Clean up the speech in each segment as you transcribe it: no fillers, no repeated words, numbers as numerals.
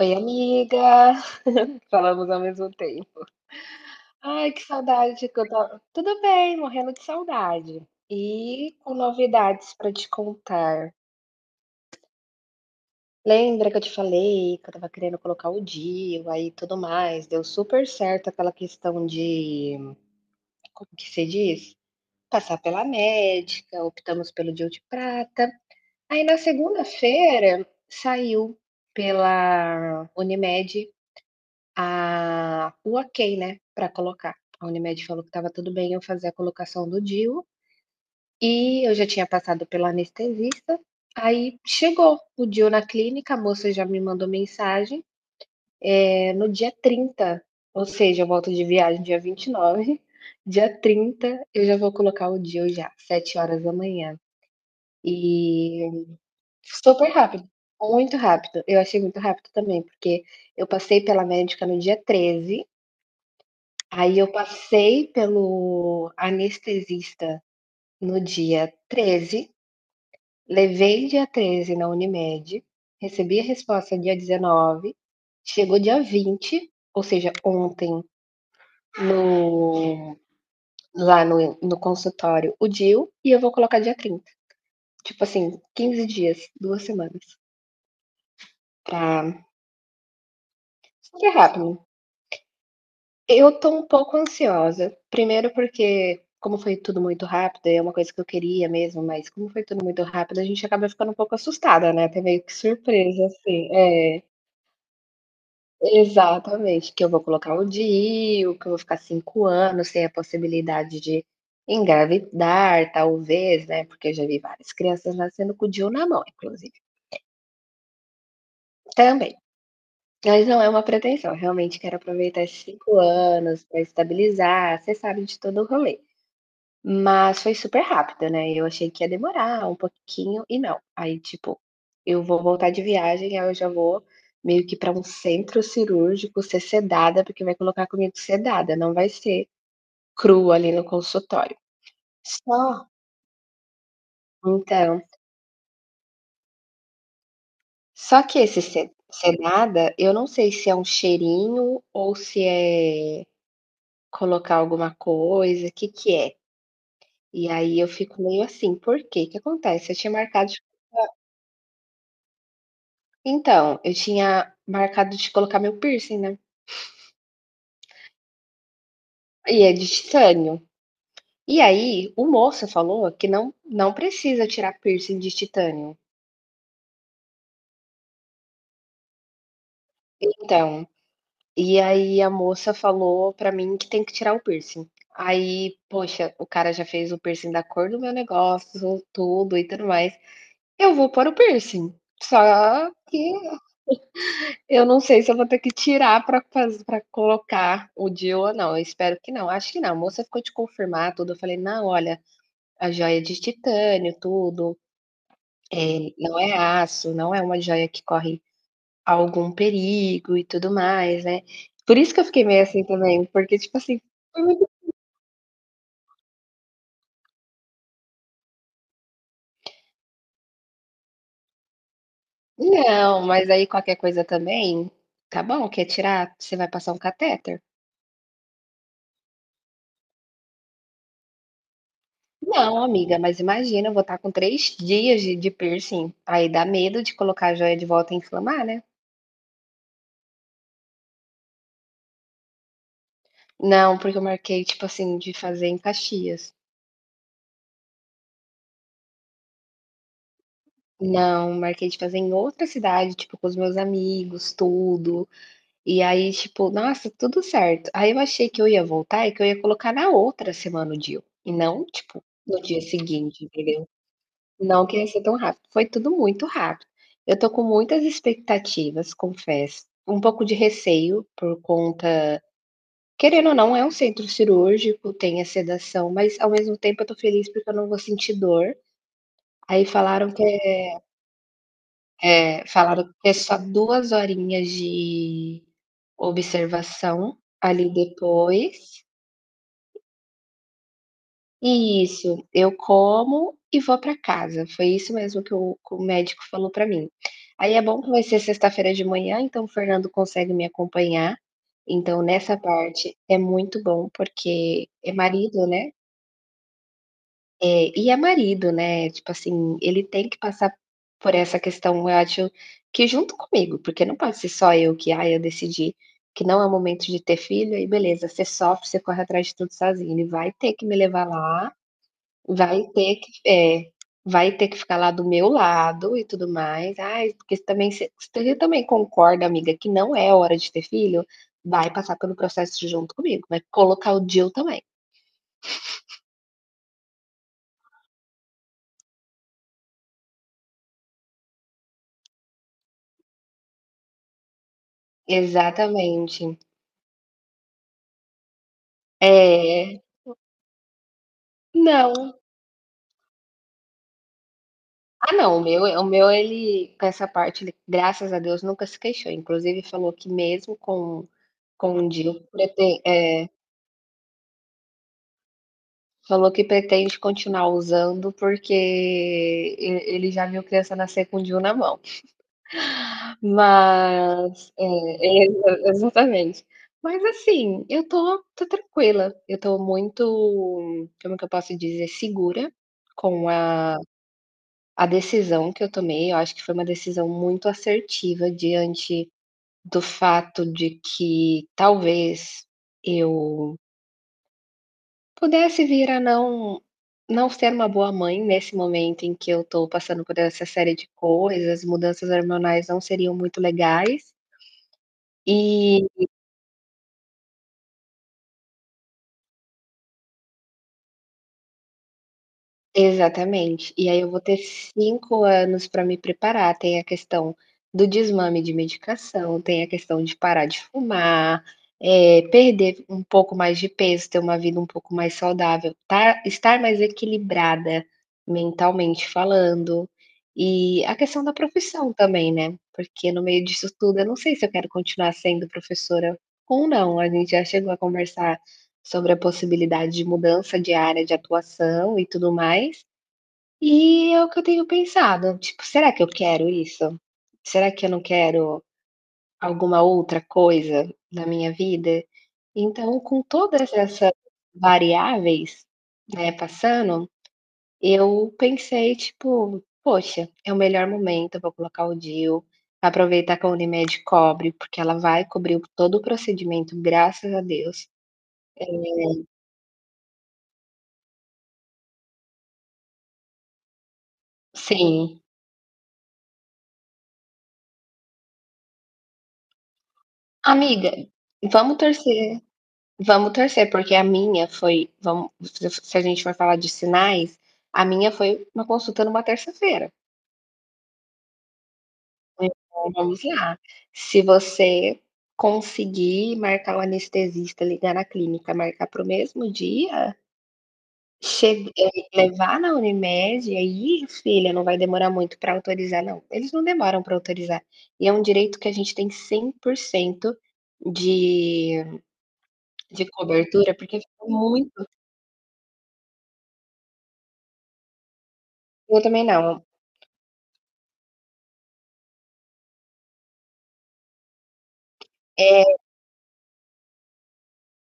Oi, amiga! Falamos ao mesmo tempo. Ai, que saudade que eu tava. Tudo bem, morrendo de saudade. E com novidades pra te contar. Lembra que eu te falei que eu tava querendo colocar o DIU aí e tudo mais? Deu super certo aquela questão de. Como que se diz? Passar pela médica, optamos pelo DIU de prata. Aí na segunda-feira saiu pela Unimed a o ok, né, para colocar. A Unimed falou que estava tudo bem eu fazer a colocação do DIU, e eu já tinha passado pelo anestesista. Aí chegou o DIU na clínica, a moça já me mandou mensagem, no dia 30. Ou seja, eu volto de viagem dia 29, dia 30 eu já vou colocar o DIU já, 7 horas da manhã. E super rápido, muito rápido, eu achei muito rápido também, porque eu passei pela médica no dia 13. Aí eu passei pelo anestesista no dia 13. Levei dia 13 na Unimed, recebi a resposta dia 19. Chegou dia 20, ou seja, ontem, no lá no no consultório, o DIU, e eu vou colocar dia 30. Tipo assim, 15 dias, 2 semanas, pra que é rápido, né? Eu tô um pouco ansiosa. Primeiro porque, como foi tudo muito rápido, e é uma coisa que eu queria mesmo, mas como foi tudo muito rápido, a gente acaba ficando um pouco assustada, né, até meio que surpresa, assim. É, exatamente. Que eu vou colocar o DIU, que eu vou ficar 5 anos sem a possibilidade de engravidar, talvez, né, porque eu já vi várias crianças nascendo com o DIU na mão, inclusive, também. Mas não é uma pretensão. Eu realmente quero aproveitar esses 5 anos para estabilizar, você sabe de todo o rolê. Mas foi super rápido, né, eu achei que ia demorar um pouquinho e não, aí tipo, eu vou voltar de viagem, aí eu já vou meio que para um centro cirúrgico ser sedada, porque vai colocar comigo sedada, não vai ser crua ali no consultório. Só então, só que esse se sedada, eu não sei se é um cheirinho ou se é colocar alguma coisa. O que que é? E aí eu fico meio assim, por quê? O que acontece? Eu tinha marcado Então, eu tinha marcado de colocar meu piercing, né. E é de titânio. E aí, o moço falou que não precisa tirar piercing de titânio. Então, e aí a moça falou pra mim que tem que tirar o piercing. Aí, poxa, o cara já fez o piercing da cor do meu negócio, tudo e tudo mais. Eu vou pôr o piercing, só que eu não sei se eu vou ter que tirar pra faz pra colocar o de ou não, eu espero que não. Acho que não, a moça ficou de confirmar tudo, eu falei: "Não, olha, a joia de titânio, tudo, não é aço, não é uma joia que corre algum perigo e tudo mais, né. Por isso que eu fiquei meio assim também, porque tipo assim, foi muito não, mas aí qualquer coisa também, tá bom, quer tirar, você vai passar um catéter? Não amiga, mas imagina, eu vou estar com 3 dias de piercing, aí dá medo de colocar a joia de volta e inflamar, né. Não, porque eu marquei, tipo assim, de fazer em Caxias. Não, marquei de fazer em outra cidade, tipo, com os meus amigos, tudo. E aí, tipo, nossa, tudo certo. Aí eu achei que eu ia voltar e que eu ia colocar na outra semana o dia, e não, tipo, no dia seguinte, entendeu? Não que ia ser tão rápido, foi tudo muito rápido. Eu tô com muitas expectativas, confesso, um pouco de receio por conta, querendo ou não, é um centro cirúrgico, tem a sedação, mas ao mesmo tempo eu tô feliz porque eu não vou sentir dor. Aí falaram que, é, falaram que é só 2 horinhas de observação ali depois. Isso, eu como e vou para casa, foi isso mesmo que o médico falou para mim. Aí é bom que vai ser sexta-feira de manhã, então o Fernando consegue me acompanhar, então nessa parte é muito bom, porque é marido, né. É, e é marido, né, tipo assim, ele tem que passar por essa questão, eu acho que junto comigo, porque não pode ser só eu que: "Ah, eu decidi que não é o momento de ter filho", aí beleza, você sofre, você corre atrás de tudo sozinho, ele vai ter que me levar lá, vai ter que é, vai ter que ficar lá do meu lado e tudo mais. "Ai, porque você também concorda, amiga, que não é hora de ter filho?", vai passar pelo processo junto comigo, vai colocar o "Jill" também. Exatamente. É, não. Ah, não, o meu ele com essa parte ele, graças a Deus, nunca se queixou, inclusive falou que mesmo com o DIU falou que pretende continuar usando, porque e ele já viu criança nascer com o DIU na mão. Mas é, exatamente. Mas assim, eu tô tranquila, eu tô muito, como que eu posso dizer, segura com a decisão que eu tomei, eu acho que foi uma decisão muito assertiva diante do fato de que talvez eu pudesse vir a não ser uma boa mãe nesse momento em que eu estou passando por essa série de coisas, mudanças hormonais não seriam muito legais, e exatamente. E aí eu vou ter 5 anos para me preparar. Tem a questão do desmame de medicação, tem a questão de parar de fumar, perder um pouco mais de peso, ter uma vida um pouco mais saudável, tá, estar mais equilibrada mentalmente falando. E a questão da profissão também, né, porque no meio disso tudo eu não sei se eu quero continuar sendo professora ou não. A gente já chegou a conversar sobre a possibilidade de mudança de área de atuação e tudo mais. E é o que eu tenho pensado, tipo: "Será que eu quero isso? Será que eu não quero alguma outra coisa na minha vida?". Então, com todas essas variáveis, né, passando, eu pensei, tipo: "Poxa, é o melhor momento, eu vou colocar o DIU, aproveitar que a Unimed cobre, porque ela vai cobrir todo o procedimento, graças a Deus". Sim. Amiga, vamos torcer. Vamos torcer, porque a minha foi, vamos, se a gente for falar de sinais, a minha foi uma consulta numa terça-feira. Então, vamos lá. Se você conseguir marcar o anestesista, ligar na clínica, marcar para o mesmo dia, levar na Unimed, aí, filha, não vai demorar muito para autorizar, não. Eles não demoram para autorizar. E é um direito que a gente tem 100% de de cobertura, porque ficou muito, eu também não. É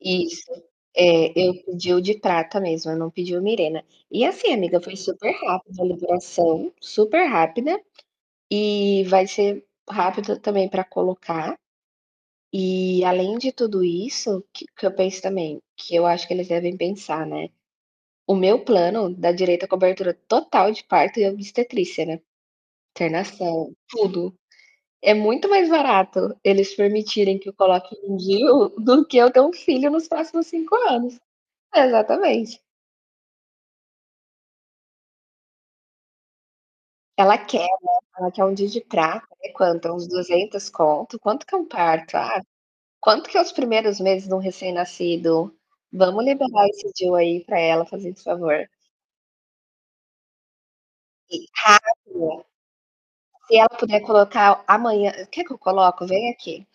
isso. É, eu pedi o de prata mesmo, eu não pedi o Mirena. E assim, amiga, foi super rápido a liberação, super rápida, e vai ser rápido também para colocar. E além de tudo isso, que eu penso também, que eu acho que eles devem pensar, né, o meu plano dá direito à cobertura total de parto e obstetrícia, né, internação, tudo. É muito mais barato eles permitirem que eu coloque em DIU do que eu ter um filho nos próximos 5 anos. Exatamente. Ela quer, ela quer um dia de prata, né, quanto? Uns 200 conto? Quanto que é um parto? "Ah, quanto que é os primeiros meses de um recém-nascido? Vamos liberar esse DIU aí pra ela fazer esse favor". Rápido, se ela puder colocar amanhã: "Quer que eu coloco? Vem aqui".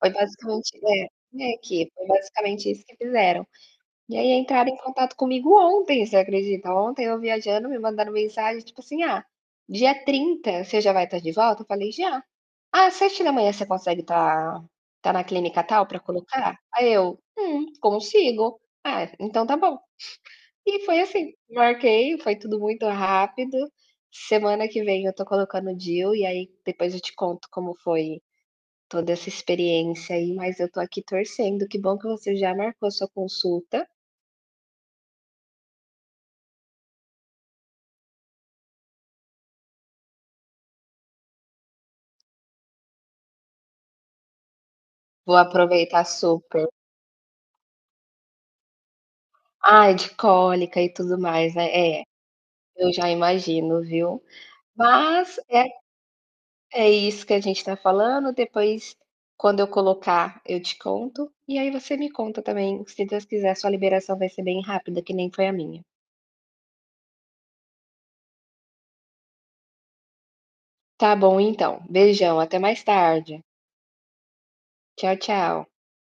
Foi basicamente é, "Vem aqui", foi basicamente isso que fizeram. E aí entraram em contato comigo ontem, você acredita? Ontem eu viajando, me mandaram mensagem, tipo assim: "Ah, dia 30 você já vai estar de volta?" Eu falei: "Já". "Ah, às 7 da manhã você consegue estar na clínica tal para colocar?" Aí eu: consigo". "Ah, então tá bom". E foi assim, marquei, foi tudo muito rápido. Semana que vem eu tô colocando o DIU e aí depois eu te conto como foi toda essa experiência aí, mas eu tô aqui torcendo. Que bom que você já marcou a sua consulta, vou aproveitar super. Ai, de cólica e tudo mais, né. É, eu já imagino, viu. Mas, é isso que a gente está falando, depois quando eu colocar, eu te conto, e aí você me conta também, se Deus quiser, sua liberação vai ser bem rápida, que nem foi a minha. Tá bom então, beijão, até mais tarde. Tchau, tchau.